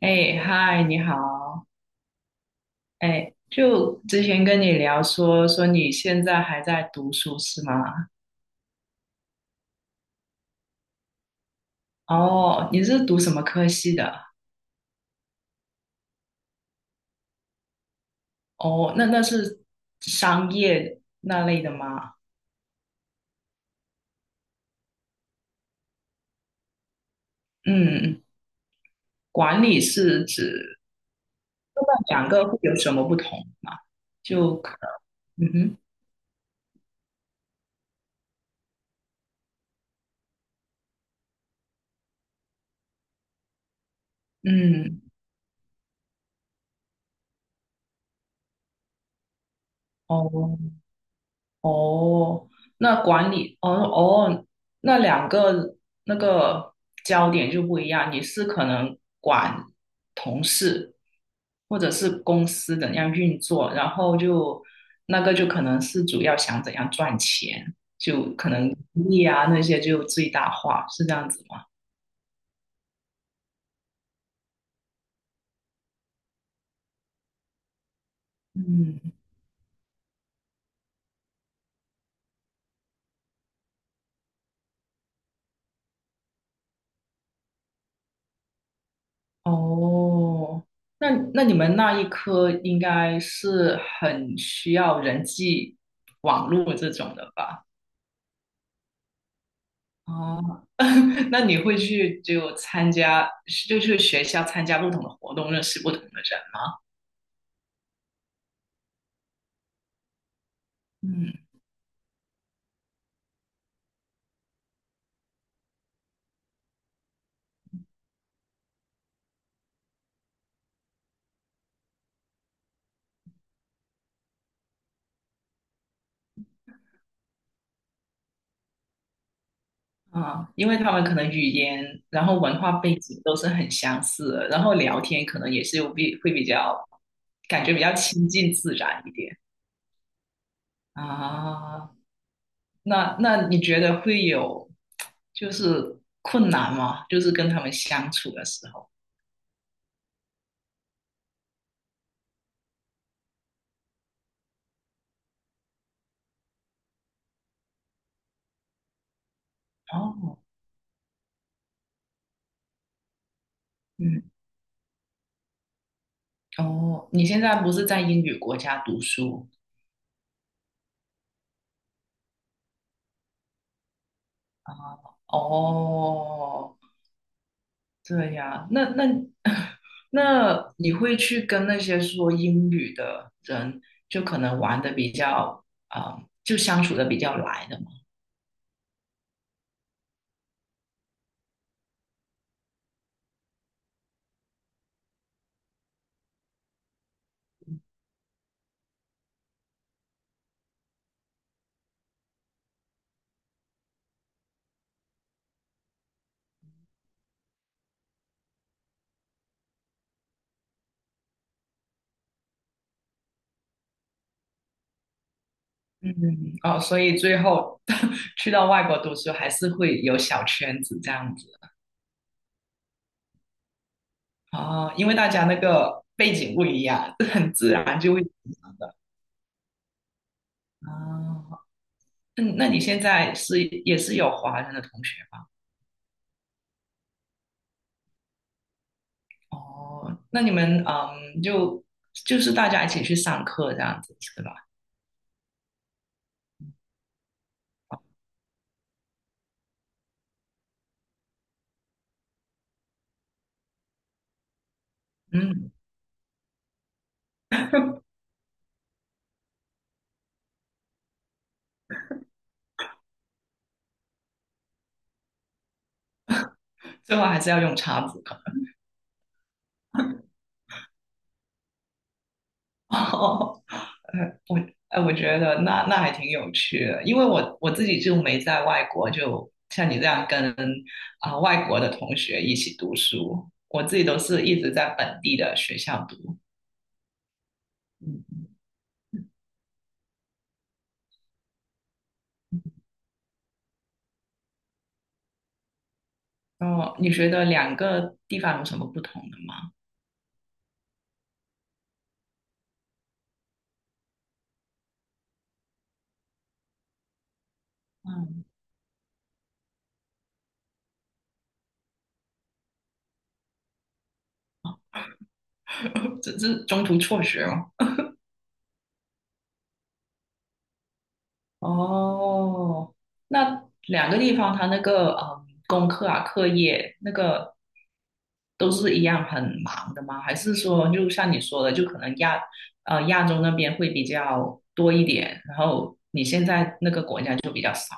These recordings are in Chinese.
哎，嗨，你好。哎，就之前跟你聊说你现在还在读书是吗？哦，你是读什么科系的？哦，那是商业那类的吗？嗯，管理是指那两个会有什么不同吗？就可能，嗯哼，嗯，哦，哦，那管理，哦哦，那两个那个焦点就不一样。你是可能管同事，或者是公司怎样运作，然后就那个就可能是主要想怎样赚钱，就可能利益啊那些就最大化，是这样子吗？嗯，哦，那你们那一科应该是很需要人际网络这种的吧？哦，那你会去就参加，是就去学校参加不同的活动，认识不同的人吗。嗯啊，因为他们可能语言，然后文化背景都是很相似的，然后聊天可能也是比会比较，感觉比较亲近自然一点啊。那你觉得会有就是困难吗？就是跟他们相处的时候。哦，嗯，哦，你现在不是在英语国家读书？哦，这样，那那 那你会去跟那些说英语的人，就可能玩的比较，啊、就相处的比较来的嘛？嗯，哦，所以最后 去到外国读书，还是会有小圈子这样子哦，因为大家那个背景不一样，很自然就会影响的。哦，那你现在是也是有华人的同学吧？哦，那你们嗯，就是大家一起去上课这样子是吧？嗯，最后还是要用叉子可能。哦，呃，我我觉得那还挺有趣的，因为我自己就没在外国，就像你这样跟啊、外国的同学一起读书，我自己都是一直在本地的学校读。嗯，哦，你觉得两个地方有什么不同的吗？嗯，只是中途辍学吗？哦，那两个地方它那个嗯功课啊课业那个都是一样很忙的吗？还是说就像你说的，就可能亚亚洲那边会比较多一点，然后你现在那个国家就比较少？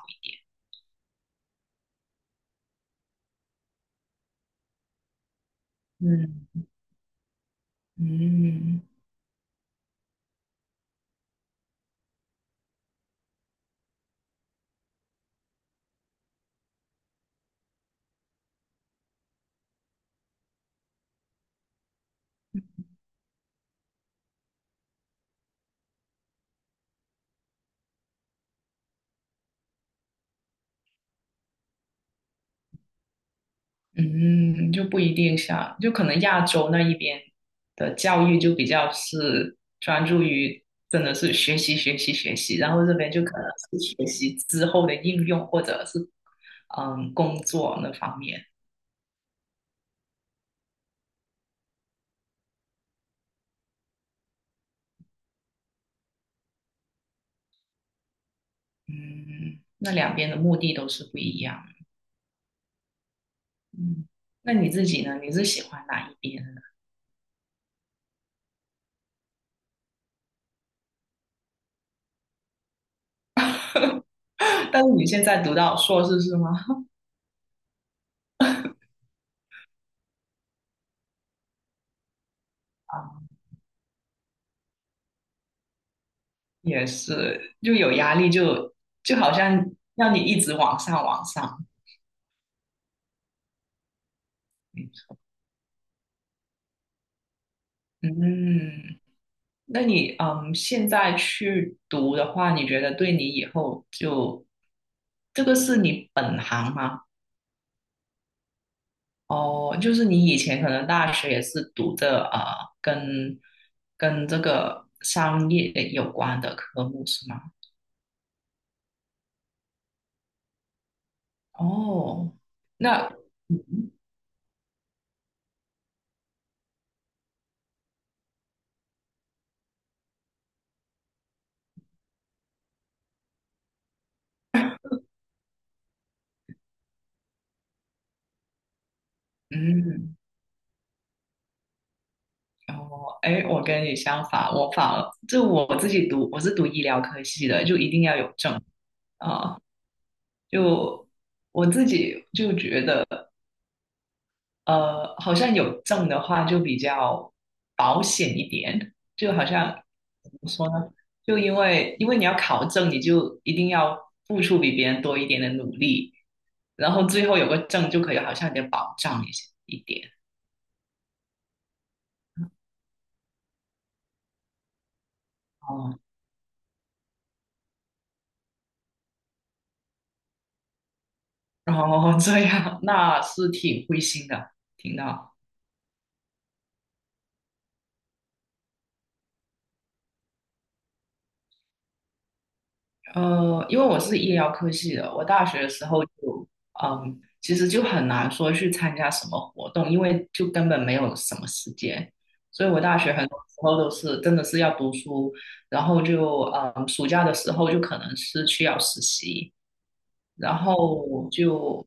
嗯嗯。嗯，就不一定像，就可能亚洲那一边的教育就比较是专注于真的是学习学习学习，然后这边就可能是学习之后的应用或者是嗯工作那方面，嗯，那两边的目的都是不一样，嗯，那你自己呢？你是喜欢哪一边？但是你现在读到硕士是吗？啊，也是，就有压力就，就好像让你一直往上往上。嗯嗯那你嗯，现在去读的话，你觉得对你以后就这个是你本行吗？哦，就是你以前可能大学也是读的啊跟这个商业有关的科目是吗？哦，那嗯，哦，哎，我跟你相反，我反而就我自己读，我是读医疗科系的，就一定要有证啊、就我自己就觉得。好像有证的话就比较保险一点，就好像怎么说呢？就因为你要考证，你就一定要付出比别人多一点的努力，然后最后有个证就可以好像有点保障一点。哦，然后这样那是挺灰心的，听到。因为我是医疗科系的，我大学的时候就，嗯，其实就很难说去参加什么活动，因为就根本没有什么时间，所以我大学很多时候都是真的是要读书，然后就，嗯，暑假的时候就可能是去要实习，然后就，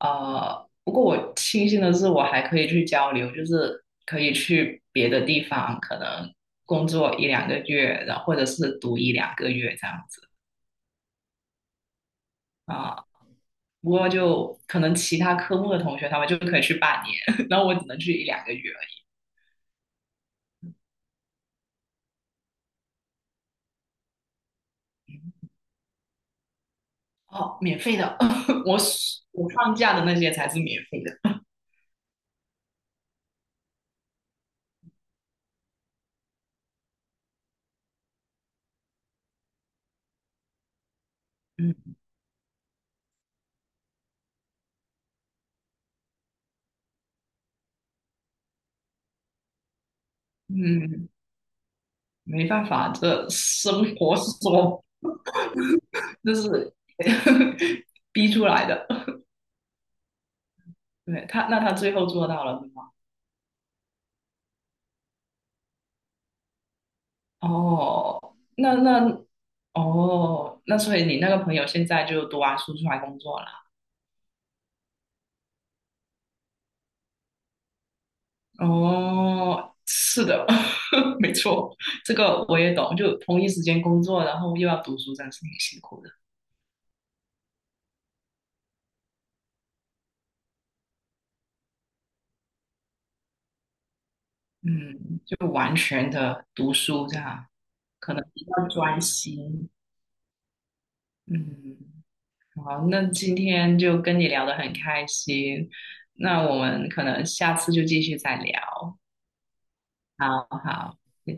不过我庆幸的是我还可以去交流，就是可以去别的地方，可能工作一两个月，然后或者是读一两个月这样子。啊。不过就可能其他科目的同学他们就可以去半年，然后我只能去一两个月而已。哦，免费的，我我放假的那些才是免费的。嗯嗯，没办法，这生活所 就是 逼出来的。对他，那他最后做到了是吗？哦，那那哦，那所以你那个朋友现在就读完书出来工作了。哦，是的，没错，这个我也懂。就同一时间工作，然后又要读书，这样是挺辛苦的。嗯，就完全的读书这样，可能比较专心。嗯，好，那今天就跟你聊得很开心，那我们可能下次就继续再聊。好好，谢